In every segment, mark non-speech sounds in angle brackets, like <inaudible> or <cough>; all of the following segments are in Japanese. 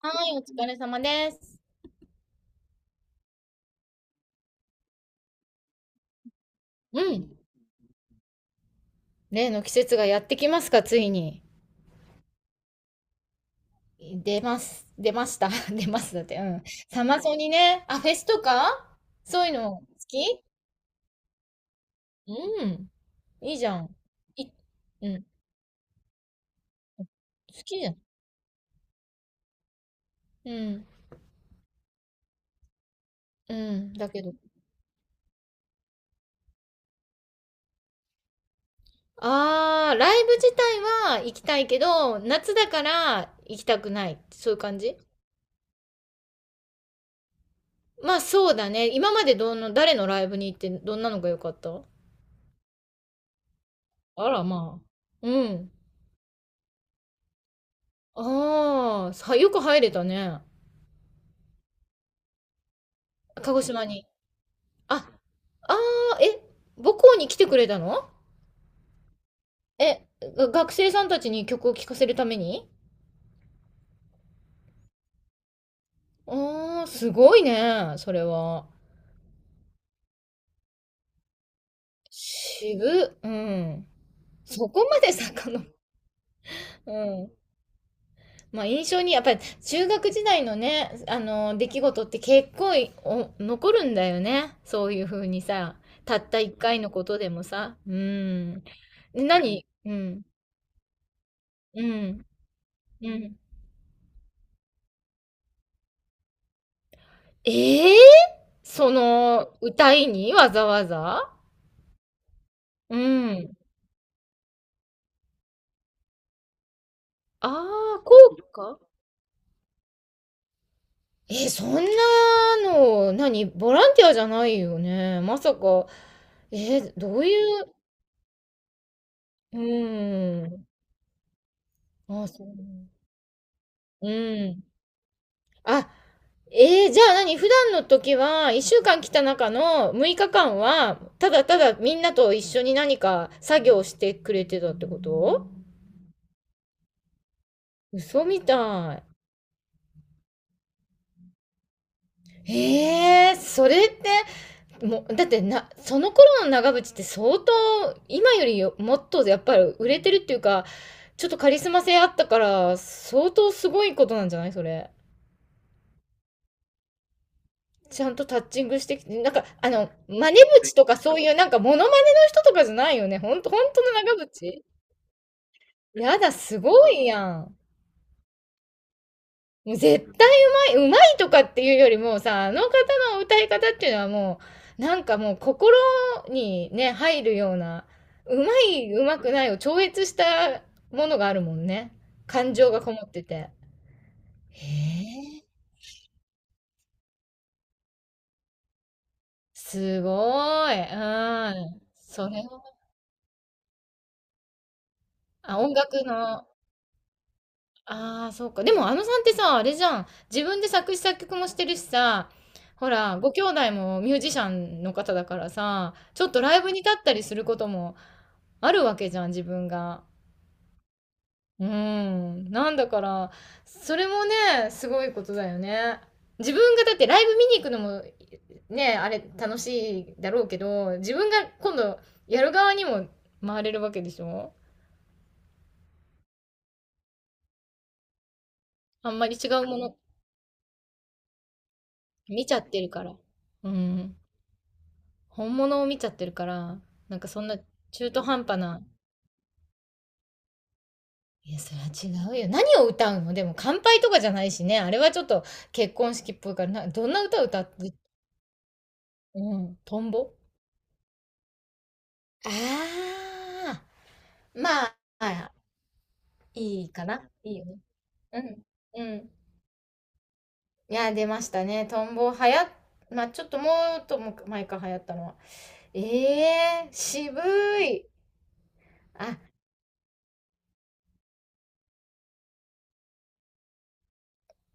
はい、お疲れ様です。うん。例の季節がやってきますか、ついに。出ます。出ました。<laughs> 出ますだって。うん。サマソニね。あ、フェスとかそういうの好き。うん。いいじゃん。い、うん。好きじゃん。うん。うん。だけど。あー、ライブ自体は行きたいけど、夏だから行きたくない。そういう感じ。まあそうだね。今までどの、誰のライブに行ってどんなのが良かった？あらまあ。うん。ああ、さ、よく入れたね。鹿児島に。あ、ああ、え、母校に来てくれたの？え、が学生さんたちに曲を聴かせるために？ああー、すごいね、それは。うん。そこまで遡る、うん。まあ印象に、やっぱり中学時代のね、あの、出来事って結構いお残るんだよね。そういうふうにさ、たった一回のことでもさ。うん。何？うん。うん。うん。ええ、その、歌いにわざわざ。うん。ああ、効果。え、そんなの、何ボランティアじゃないよね。まさか、え、どういう、うん。あ、そう。うん。あ、えー、じゃあ何普段の時は、1週間来た中の6日間は、ただただみんなと一緒に何か作業してくれてたってこと？嘘みたい。えー、それってもうだってなその頃の長渕って相当今よりもっとやっぱり売れてるっていうか、ちょっとカリスマ性あったから相当すごいことなんじゃないそれ？ちゃんとタッチングしてきてなんかあの真似口とかそういうなんかモノマネの人とかじゃないよね、ほんとほんとの長渕。やだすごいやん。もう絶対うまい、うまいとかっていうよりもさ、あの方の歌い方っていうのはもう、なんかもう心にね、入るような、うまい、うまくないを超越したものがあるもんね。感情がこもってて。へえ、すごい。うん。それを、あ、音楽の、ああ、そうか。でもあのさんってさ、あれじゃん。自分で作詞作曲もしてるしさ、ほら、ご兄弟もミュージシャンの方だからさ、ちょっとライブに立ったりすることも、あるわけじゃん自分が。うんなんだから、それもねすごいことだよね。自分がだってライブ見に行くのもね、あれ楽しいだろうけど自分が今度やる側にも回れるわけでしょ。あんまり違うもの見ちゃってるから。うん。本物を見ちゃってるから、なんかそんな中途半端な。いやそれは違うよ。何を歌うのでも乾杯とかじゃないしね、あれはちょっと結婚式っぽいからな。どんな歌歌って？うんトンボ。ああ、まあ、いいかな。いいよね。うん。うん。いや、出ましたね。トンボ流行っ、まあ、ちょっともっとも前か流行ったのは。ええー、渋い。あ、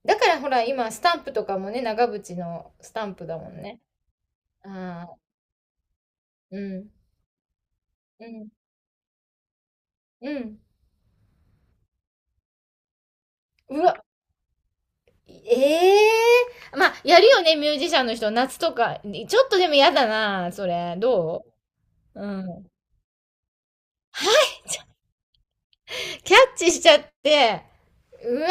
だからほら、今、スタンプとかもね、長渕のスタンプだもんね。ああ、うん。うん。うん。うわ、ええー、まあ、やるよね、ミュージシャンの人。夏とか。ちょっとでも嫌だな、それ。どう、うん。キャッチしちゃって、うわ、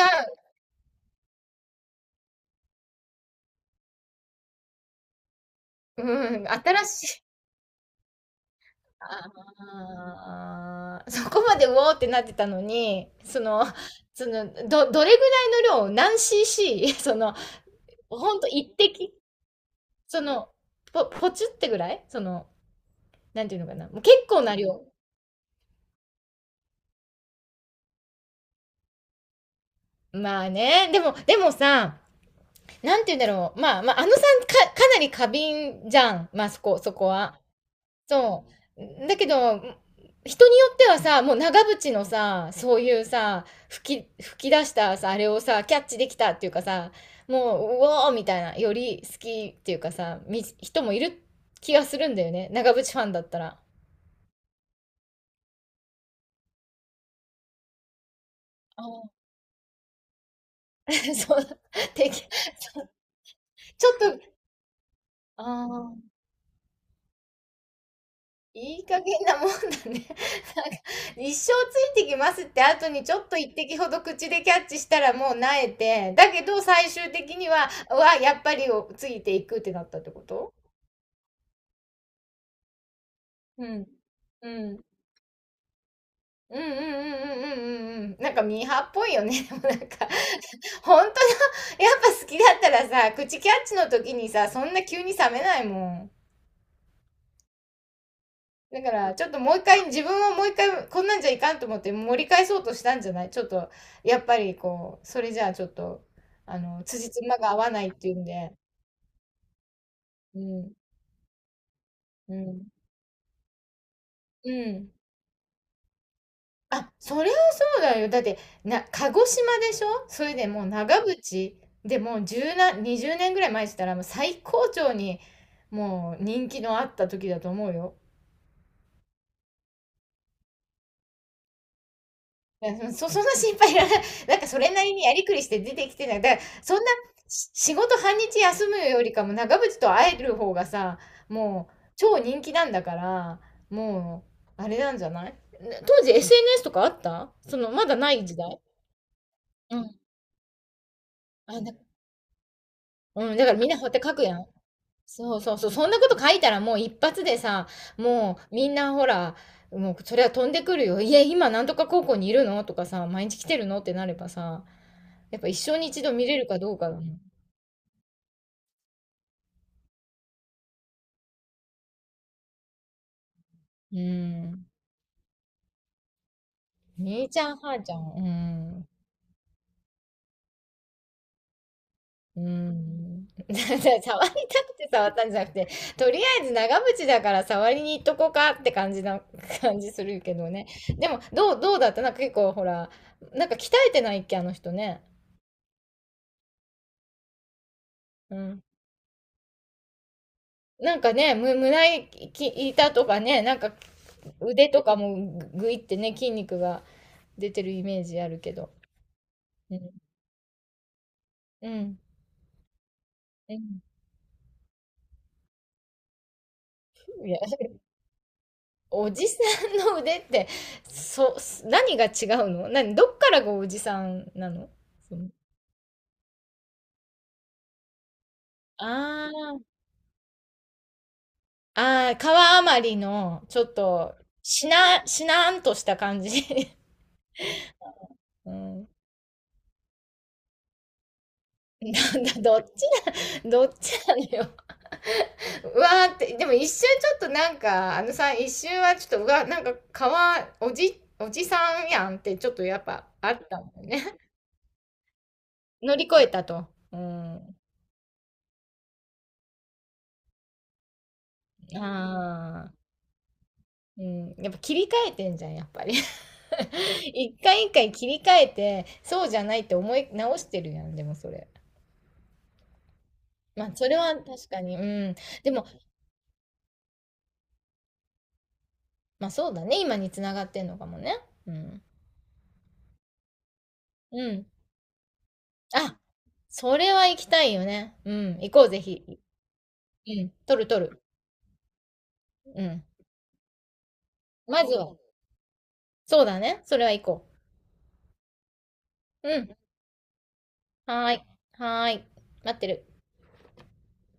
うん、新しい。ああ、そこまでうおーってなってたのに、その、その、どれぐらいの量、何 cc？ <laughs> その、ほんと一滴その、ポチってぐらいその、なんていうのかな。もう結構な量。まあね。でもさ、なんて言うんだろう。まあ、まあ、あのさんか、かなり過敏じゃん。まあ、そこは。そう。だけど、人によってはさ、もう長渕のさ、そういうさ、吹き出したさ、あれをさ、キャッチできたっていうかさ、もう、うおーみたいな、より好きっていうかさ、人もいる気がするんだよね。長渕ファンだったら。<laughs> ああ、<laughs> そう、てき、そうちょっと、ああ。いい加減なもんだね。なんか、一生ついてきますって後にちょっと一滴ほど口でキャッチしたらもう萎えて、だけど最終的には、うわ、やっぱりをついていくってなったってこと？うん。うん。うんうんうんうんうんうんうん。なんかミーハーっぽいよね。でもなんか、本当の、やっぱ好きだったらさ、口キャッチの時にさ、そんな急に冷めないもん。だから、ちょっともう一回、自分はもう一回、こんなんじゃいかんと思って盛り返そうとしたんじゃないちょっと、やっぱりこう、それじゃあちょっと、あの、辻褄が合わないっていうんで。うん、うん、うん。あ、それはそうだよ。だって、鹿児島でしょ、それでもう長渕でもう10な、20年ぐらい前って言ったら、もう最高潮に、もう人気のあった時だと思うよ。いや、そ <laughs> その心配いらない。なんかそれなりにやりくりして出てきてない。だから、そんな、仕事半日休むよりかも長渕と会える方がさ、もう超人気なんだから、もう、あれなんじゃないね、当時 SNS とかあったその、まだない時代。うん。あ、だうん、だからみんなこうやって書くやん。そうそうそう。そんなこと書いたらもう一発でさ、もうみんなほら、もうそれは飛んでくるよ。いや、今なんとか高校にいるのとかさ、毎日来てるのってなればさ、やっぱ一生に一度見れるかどうかだね。うん。姉ちゃん、母ちゃん。うん。うん。<laughs> 触りたくて触ったんじゃなくて、とりあえず長渕だから触りに行っとこうかって感じな、<laughs> 感じするけどね。でも、どうだった？なんか結構ほら、なんか鍛えてないっけ、あの人ね。うん。なんかね、胸板とかね、なんか腕とかもぐぐいってね、筋肉が出てるイメージあるけど。うん。うん。うん。いや、おじさんの腕って、そ、何が違うの？何どっからがおじさんなの？その、あーあー、川あまりのちょっとしなしなーんとした感じ、<laughs> うん、なんだどっちなどっちなのよ。うわーって、でも一瞬ちょっとなんかあのさん一瞬はちょっとうわなんか川おじさんやんってちょっとやっぱあったもんね。乗り越えたと、うん、ああうん、やっぱ切り替えてんじゃん、やっぱり。<laughs> 一回一回切り替えて、そうじゃないって思い直してるやん、でもそれ。まあ、それは確かに、うん。でも、まあそうだね、今につながってんのかもね。うん。うん。あ、それは行きたいよね。うん、行こう、ぜひ。うん、取る取る。うん。まずは、そうだね、それは行こう。うん、はーい、はーい、待ってる。